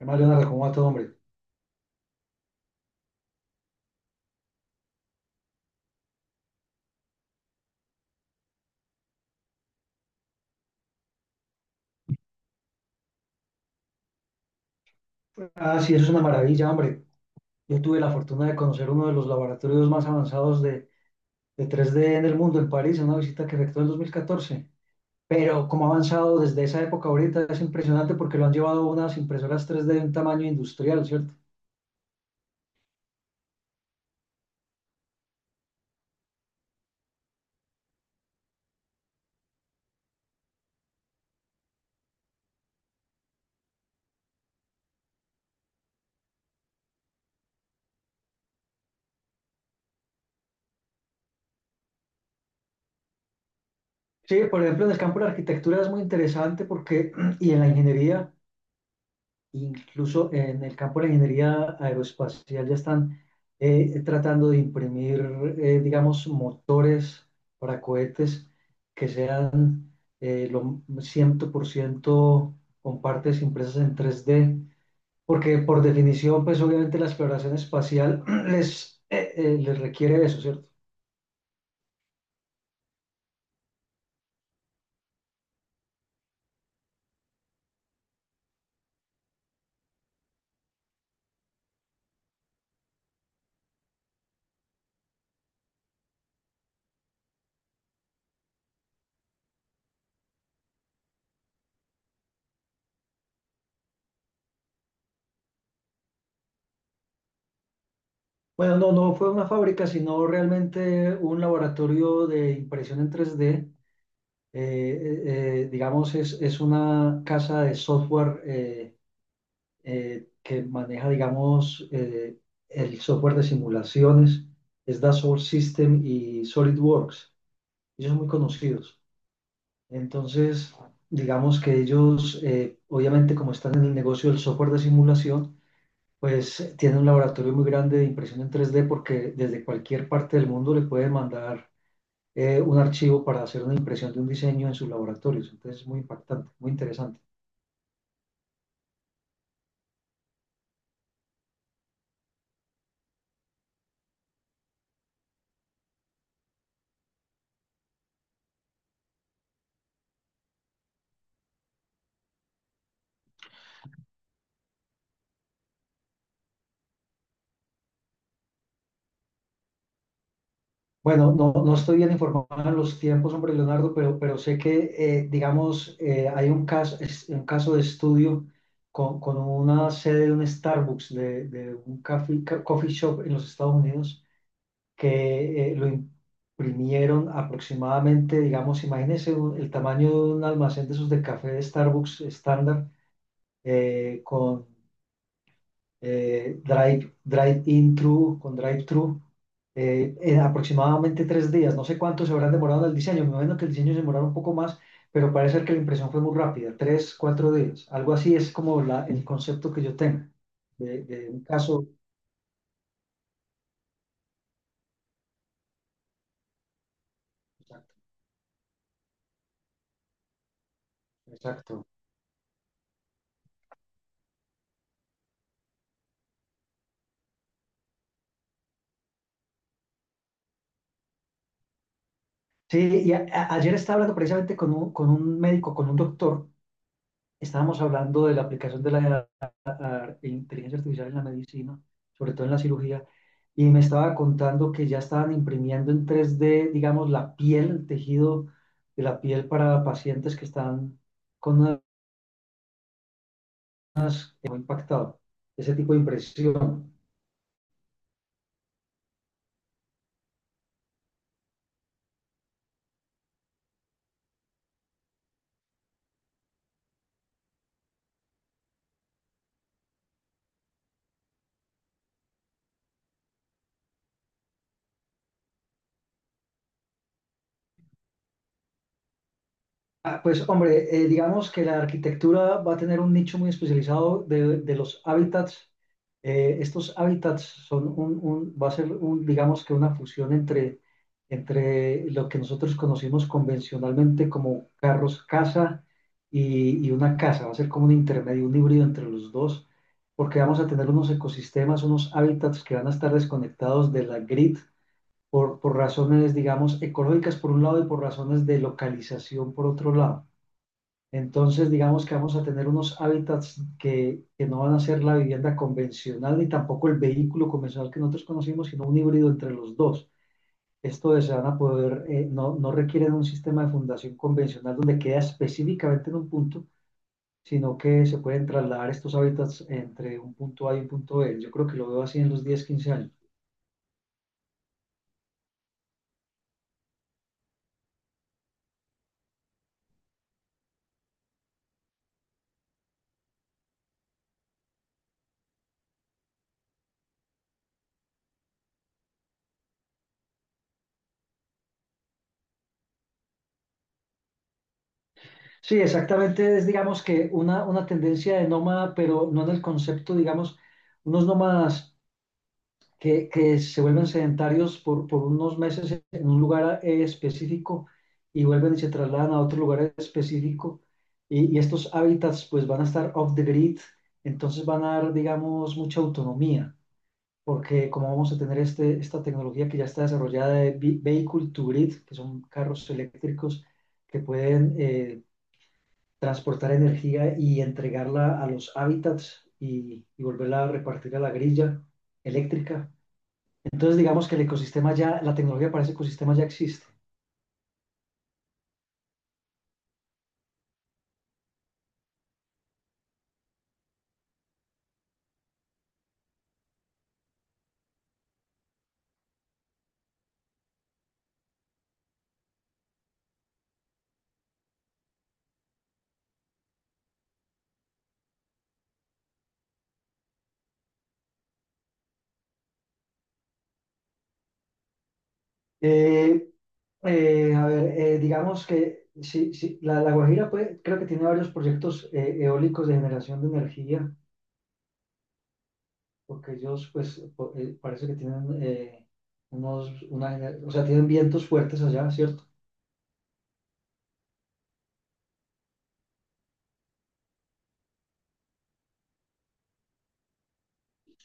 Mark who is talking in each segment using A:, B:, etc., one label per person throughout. A: Además, Leonardo, ¿cómo va todo, hombre? Ah, sí, eso es una maravilla, hombre. Yo tuve la fortuna de conocer uno de los laboratorios más avanzados de tres d en el mundo, en París, en una visita que efectué en 2014. Pero como ha avanzado desde esa época ahorita, es impresionante porque lo han llevado a unas impresoras tres d de un tamaño industrial, ¿cierto? Sí, por ejemplo, en el campo de la arquitectura es muy interesante porque, y en la ingeniería, incluso en el campo de la ingeniería aeroespacial ya están tratando de imprimir, digamos, motores para cohetes que sean lo 100% con partes impresas en 3D, porque por definición, pues obviamente la exploración espacial les requiere eso, ¿cierto? Bueno, no, no fue una fábrica, sino realmente un laboratorio de impresión en 3D digamos, es una casa de software que maneja, digamos, el software de simulaciones, es Dassault System y SolidWorks. Ellos son muy conocidos. Entonces, digamos que ellos, obviamente, como están en el negocio del software de simulación, pues tienen un laboratorio muy grande de impresión en tres d porque desde cualquier parte del mundo le pueden mandar un archivo para hacer una impresión de un diseño en sus laboratorios. Entonces es muy impactante, muy interesante. Bueno, no, no estoy bien informado en los tiempos, hombre, Leonardo, pero sé que, digamos, hay un caso, un caso de estudio con una sede de un Starbucks, de un coffee shop en los Estados Unidos, que lo imprimieron aproximadamente, digamos, imagínense el tamaño de un almacén de esos de café de Starbucks estándar, con drive, drive-in thru con drive-thru, en aproximadamente tres días. No sé cuánto se habrán demorado en el diseño. Me imagino que el diseño se demorará un poco más, pero parece ser que la impresión fue muy rápida, tres, cuatro días. Algo así es como el concepto que yo tengo de un caso. Exacto, exacto. Sí, y ayer estaba hablando precisamente con un médico, con un doctor. Estábamos hablando de la aplicación de la de inteligencia artificial en la medicina, sobre todo en la cirugía, y me estaba contando que ya estaban imprimiendo en 3D, digamos, la piel, el tejido de la piel para pacientes que están con un impactado, ese tipo de impresión. Ah, pues hombre, digamos que la arquitectura va a tener un nicho muy especializado de los hábitats. Estos hábitats son va a ser un, digamos que una fusión entre, entre lo que nosotros conocimos convencionalmente como carros casa y una casa. Va a ser como un intermedio, un híbrido entre los dos, porque vamos a tener unos ecosistemas, unos hábitats que van a estar desconectados de la grid por razones, digamos, ecológicas por un lado y por razones de localización por otro lado. Entonces, digamos que vamos a tener unos hábitats que no van a ser la vivienda convencional ni tampoco el vehículo convencional que nosotros conocimos, sino un híbrido entre los dos. Esto es, se van a poder, no, no requieren un sistema de fundación convencional donde queda específicamente en un punto, sino que se pueden trasladar estos hábitats entre un punto A y un punto B. Yo creo que lo veo así en los 10 15 años. Sí, exactamente, es digamos que una tendencia de nómada, pero no en el concepto, digamos, unos nómadas que se vuelven sedentarios por unos meses en un lugar específico y vuelven y se trasladan a otro lugar específico y estos hábitats pues van a estar off the grid, entonces van a dar, digamos, mucha autonomía, porque como vamos a tener este, esta tecnología que ya está desarrollada de vehicle to grid, que son carros eléctricos que pueden transportar energía y entregarla a los hábitats y volverla a repartir a la grilla eléctrica, entonces, digamos que el ecosistema ya, la tecnología para ese ecosistema ya existe. Eh, a ver, digamos que sí, sí, la Guajira creo que tiene varios proyectos eólicos de generación de energía, porque ellos pues parece que tienen unos, una, o sea, tienen vientos fuertes allá, ¿cierto?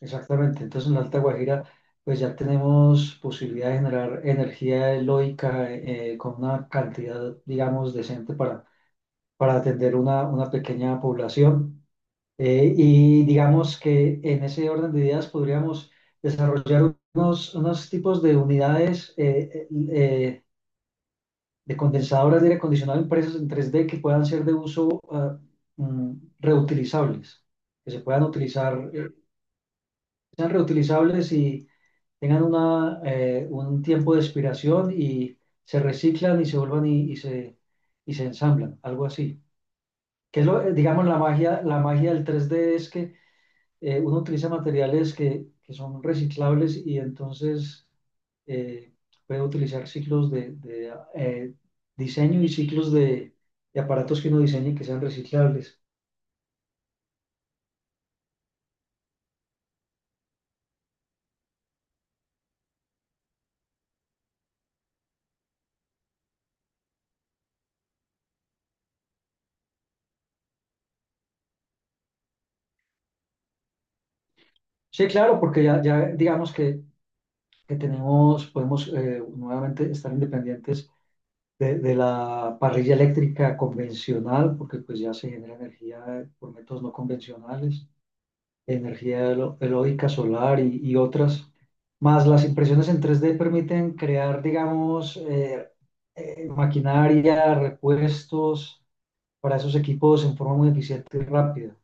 A: Exactamente. Entonces en la Alta Guajira pues ya tenemos posibilidad de generar energía eólica con una cantidad, digamos, decente para atender una pequeña población. Y digamos que en ese orden de ideas podríamos desarrollar unos, unos tipos de unidades de condensadoras de aire acondicionado impresas en 3D que puedan ser de uso mm, reutilizables, que se puedan utilizar, sean reutilizables y tengan una, un tiempo de expiración y se reciclan y se vuelvan y se ensamblan, algo así. Que es lo, digamos, la magia del 3D es que uno utiliza materiales que son reciclables y entonces eh, puede utilizar ciclos de diseño y ciclos de aparatos que uno diseñe que sean reciclables. Sí, claro, porque ya, ya digamos que tenemos, podemos nuevamente estar independientes de la parrilla eléctrica convencional, porque pues ya se genera energía por métodos no convencionales. Energía eólica, solar y otras. Más las impresiones en 3D permiten crear, digamos, maquinaria, repuestos para esos equipos en forma muy eficiente y rápida.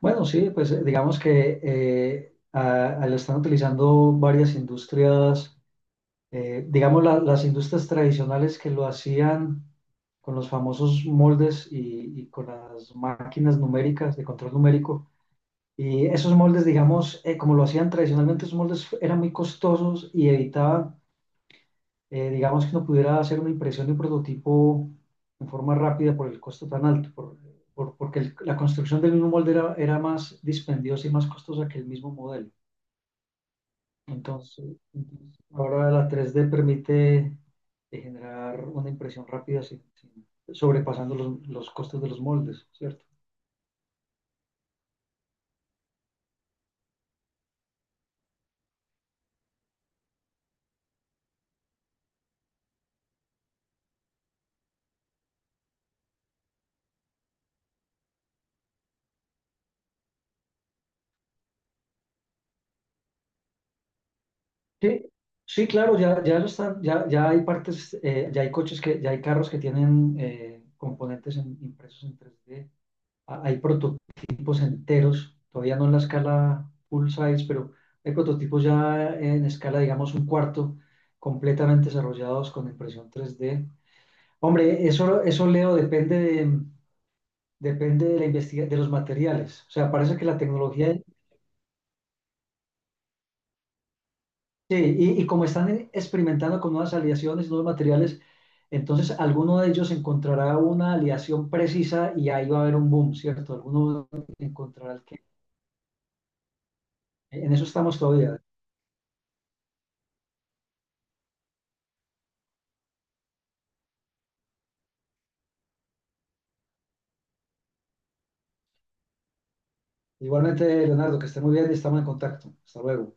A: Bueno, sí, pues digamos que lo están utilizando varias industrias, digamos las industrias tradicionales que lo hacían con los famosos moldes y con las máquinas numéricas de control numérico. Y esos moldes, digamos, como lo hacían tradicionalmente, esos moldes eran muy costosos y evitaban, digamos, que no pudiera hacer una impresión de un prototipo en forma rápida por el costo tan alto, porque la construcción del mismo molde era, era más dispendiosa y más costosa que el mismo modelo. Entonces, entonces, ahora la 3D permite generar una impresión rápida sobrepasando los costos de los moldes, ¿cierto? Sí, sí, claro, ya, ya lo están, ya, ya hay partes, ya hay coches que, ya hay carros que tienen componentes impresos en 3D. Hay prototipos enteros, todavía no en la escala full size, pero hay prototipos ya en escala, digamos, un cuarto, completamente desarrollados con impresión 3D. Hombre, eso Leo, depende de la de los materiales. O sea, parece que la tecnología. Sí, y como están experimentando con nuevas aleaciones, nuevos materiales, entonces alguno de ellos encontrará una aleación precisa y ahí va a haber un boom, ¿cierto? Alguno encontrará el que... En eso estamos todavía. Igualmente, Leonardo, que esté muy bien y estamos en contacto. Hasta luego.